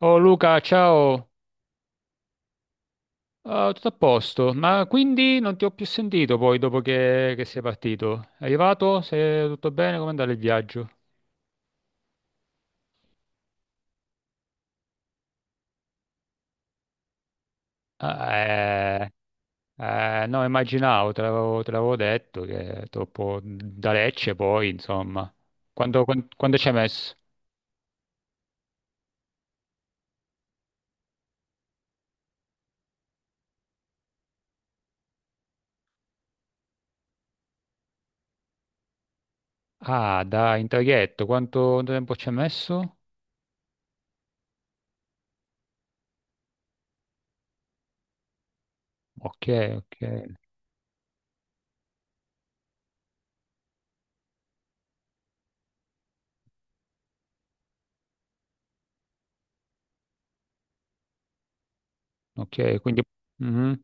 Oh Luca, ciao. Ah, tutto a posto, ma quindi non ti ho più sentito poi dopo che sei partito. È arrivato? Sei tutto bene? Come è andato il viaggio? Ah, Eh, no, immaginavo, te l'avevo detto che troppo da Lecce poi, insomma. Quando ci hai messo? Ah, da in traghetto, quanto tempo ci hai messo? Ok, ok, ok, quindi. Mhm.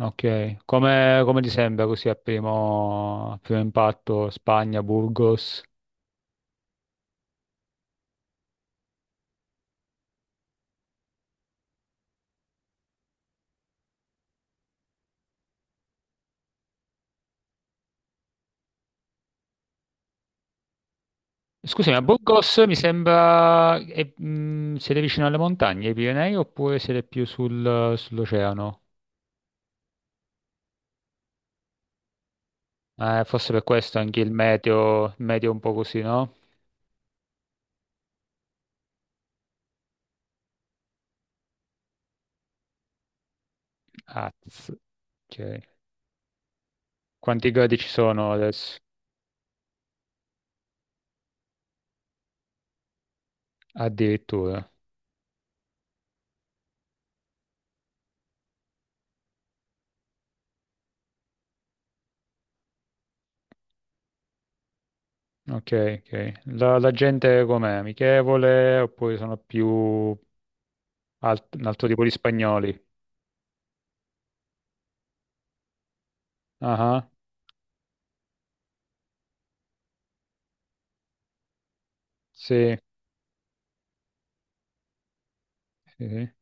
Ok, come ti sembra così a primo impatto Spagna, Burgos? Scusami, a Burgos mi sembra. Siete vicino alle montagne, ai Pirenei, oppure siete più sull'oceano? Forse per questo anche il meteo è un po' così, no? Ah, ok. Quanti gradi ci sono adesso? Addirittura. Ok, ok. La gente com'è? Amichevole oppure sono più un altro tipo di spagnoli? Ah. Sì, sì, sì.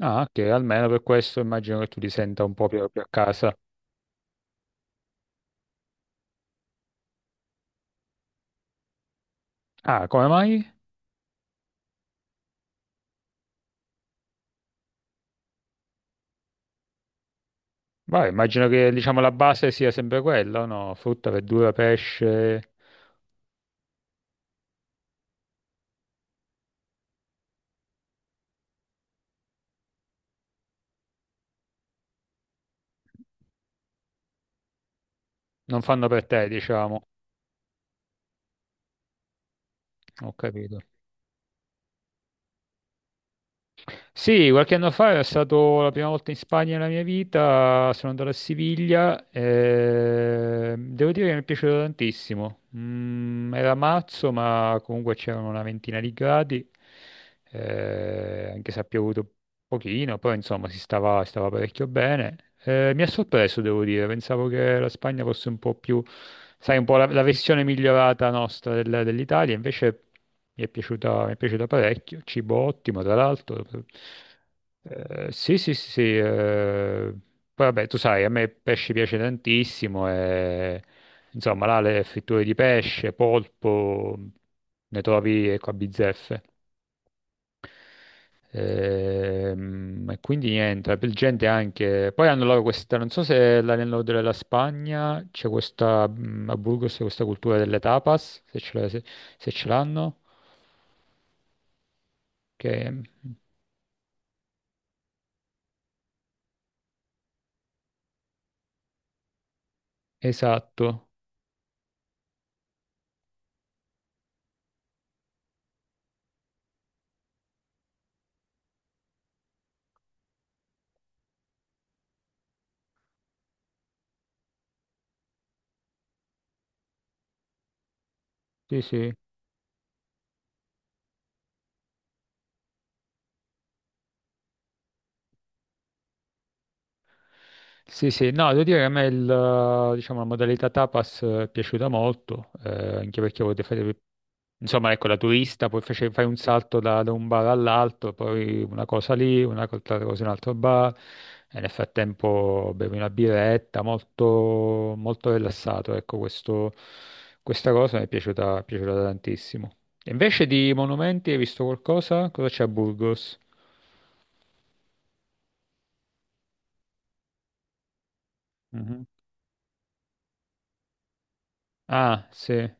Ah, ok, almeno per questo immagino che tu ti senta un po' più a casa. Ah, come mai? Vai, immagino che diciamo la base sia sempre quella, o no? Frutta, verdura, pesce, non fanno per te, diciamo. Ho capito. Sì, qualche anno fa è stato la prima volta in Spagna nella mia vita, sono andato a Siviglia e devo dire che mi è piaciuto tantissimo. Era marzo, ma comunque c'erano una ventina di gradi, anche se ha piovuto pochino, poi insomma si stava parecchio bene. Mi ha sorpreso, devo dire, pensavo che la Spagna fosse un po' più, sai, un po' la versione migliorata nostra dell'Italia, invece mi è piaciuta parecchio, cibo ottimo, tra l'altro. Sì, sì, sì, sì, poi vabbè, tu sai, a me il pesce piace tantissimo e insomma là le fritture di pesce, polpo, ne trovi ecco, a bizzeffe. E, quindi niente, la gente anche. Poi hanno loro questa, non so se nel nord della Spagna c'è questa, a Burgos c'è questa cultura delle tapas, se se- ce l'hanno. Che. Esatto, sì sì. Sì, sì, no, devo dire che a me il, diciamo, la modalità tapas è piaciuta molto, anche perché potete fare, insomma, ecco, la turista, poi fai un salto da un bar all'altro, poi una cosa lì, una altra cosa in un altro bar, e nel frattempo bevi una birretta, molto, molto rilassato, ecco, questa cosa mi è piaciuta tantissimo. E invece di monumenti, hai visto qualcosa? Cosa c'è a Burgos? Mhm. Ah, sì,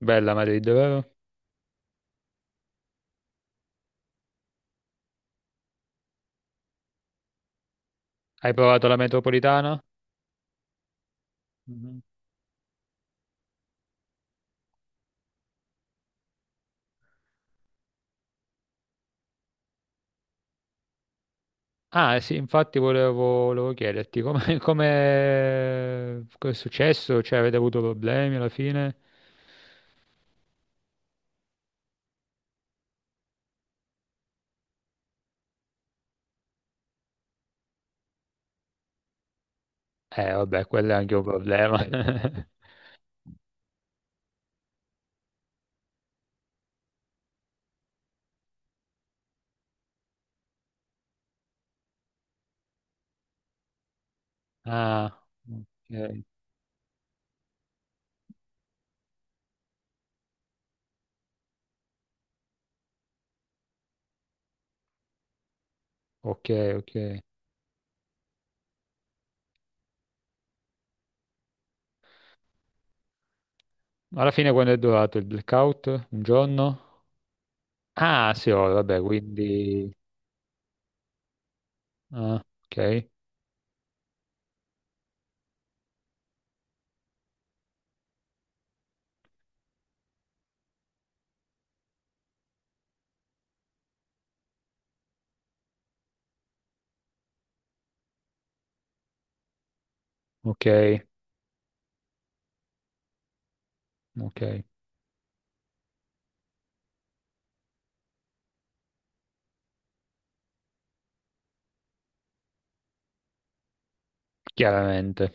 bella Madrid, vero? Hai provato la metropolitana? Mhm. Ah, sì, infatti volevo chiederti come, come è successo? Cioè, avete avuto problemi alla fine? Vabbè, quello è anche un problema. Ah, ok, ok, ok. Alla fine quando è durato il blackout? Un giorno? Ah, sì, oh, vabbè, quindi. Ah, ok, ok, ok, chiaramente.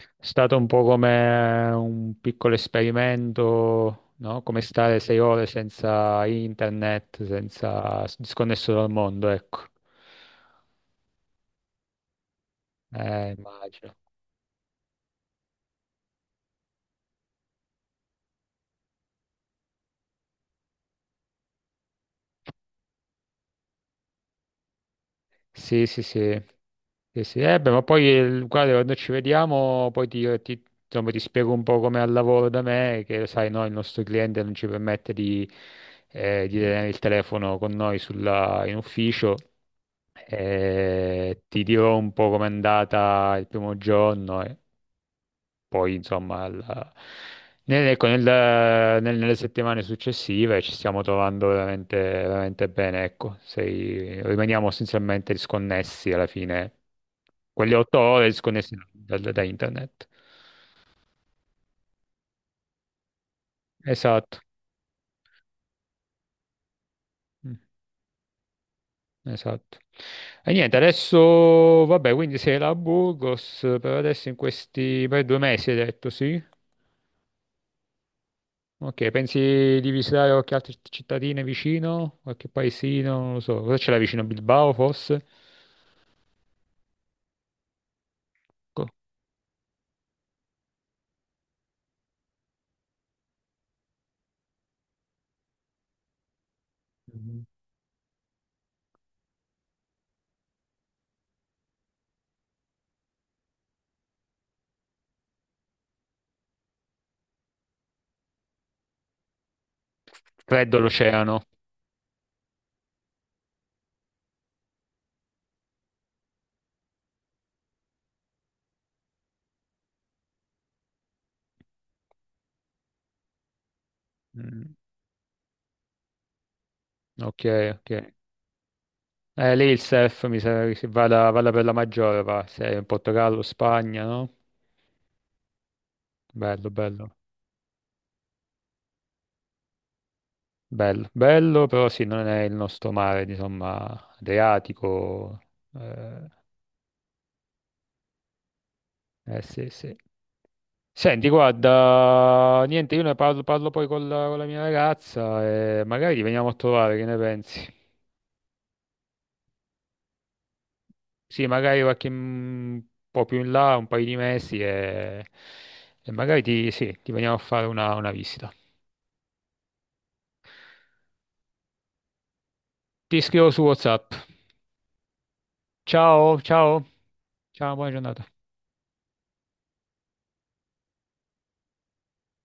È stato un po' come un piccolo esperimento, no? Come stare 6 ore senza internet, senza disconnesso dal mondo, ecco. Immagino. Sì, sì, sì. Sì, sì. Beh, ma poi, guarda, quando ci vediamo, poi insomma, ti spiego un po' come al lavoro da me, che lo sai, no, il nostro cliente non ci permette di tenere il telefono con noi in ufficio. Ti dirò un po' com'è andata il primo giorno. Poi insomma ecco, nelle settimane successive ci stiamo trovando veramente, veramente bene, ecco, rimaniamo essenzialmente disconnessi alla fine, quelle 8 ore disconnessi da internet. Esatto, Mm, esatto. E niente, adesso, vabbè, quindi sei là a Burgos per adesso in questi per 2 mesi, hai detto, sì? Ok, pensi di visitare qualche altra cittadina vicino? Qualche paesino? Non lo so. Cosa c'è là vicino? Bilbao, forse? Co- Mhm. Freddo l'oceano. Mm, ok, ok. Lì il surf mi sa che si vada per la maggiore, va. Se è in Portogallo, Spagna, no? Bello, bello. Bello, bello, però sì, non è il nostro mare, insomma, Adriatico. Eh, sì, sì. Senti, guarda, niente, io ne parlo poi con la mia ragazza e magari ti veniamo a trovare, che ne pensi? Sì, magari qualche po' più in là, un paio di mesi e, magari ti, sì, ti veniamo a fare una visita. Ti scrivo su WhatsApp. Ciao, ciao, ciao, buona giornata.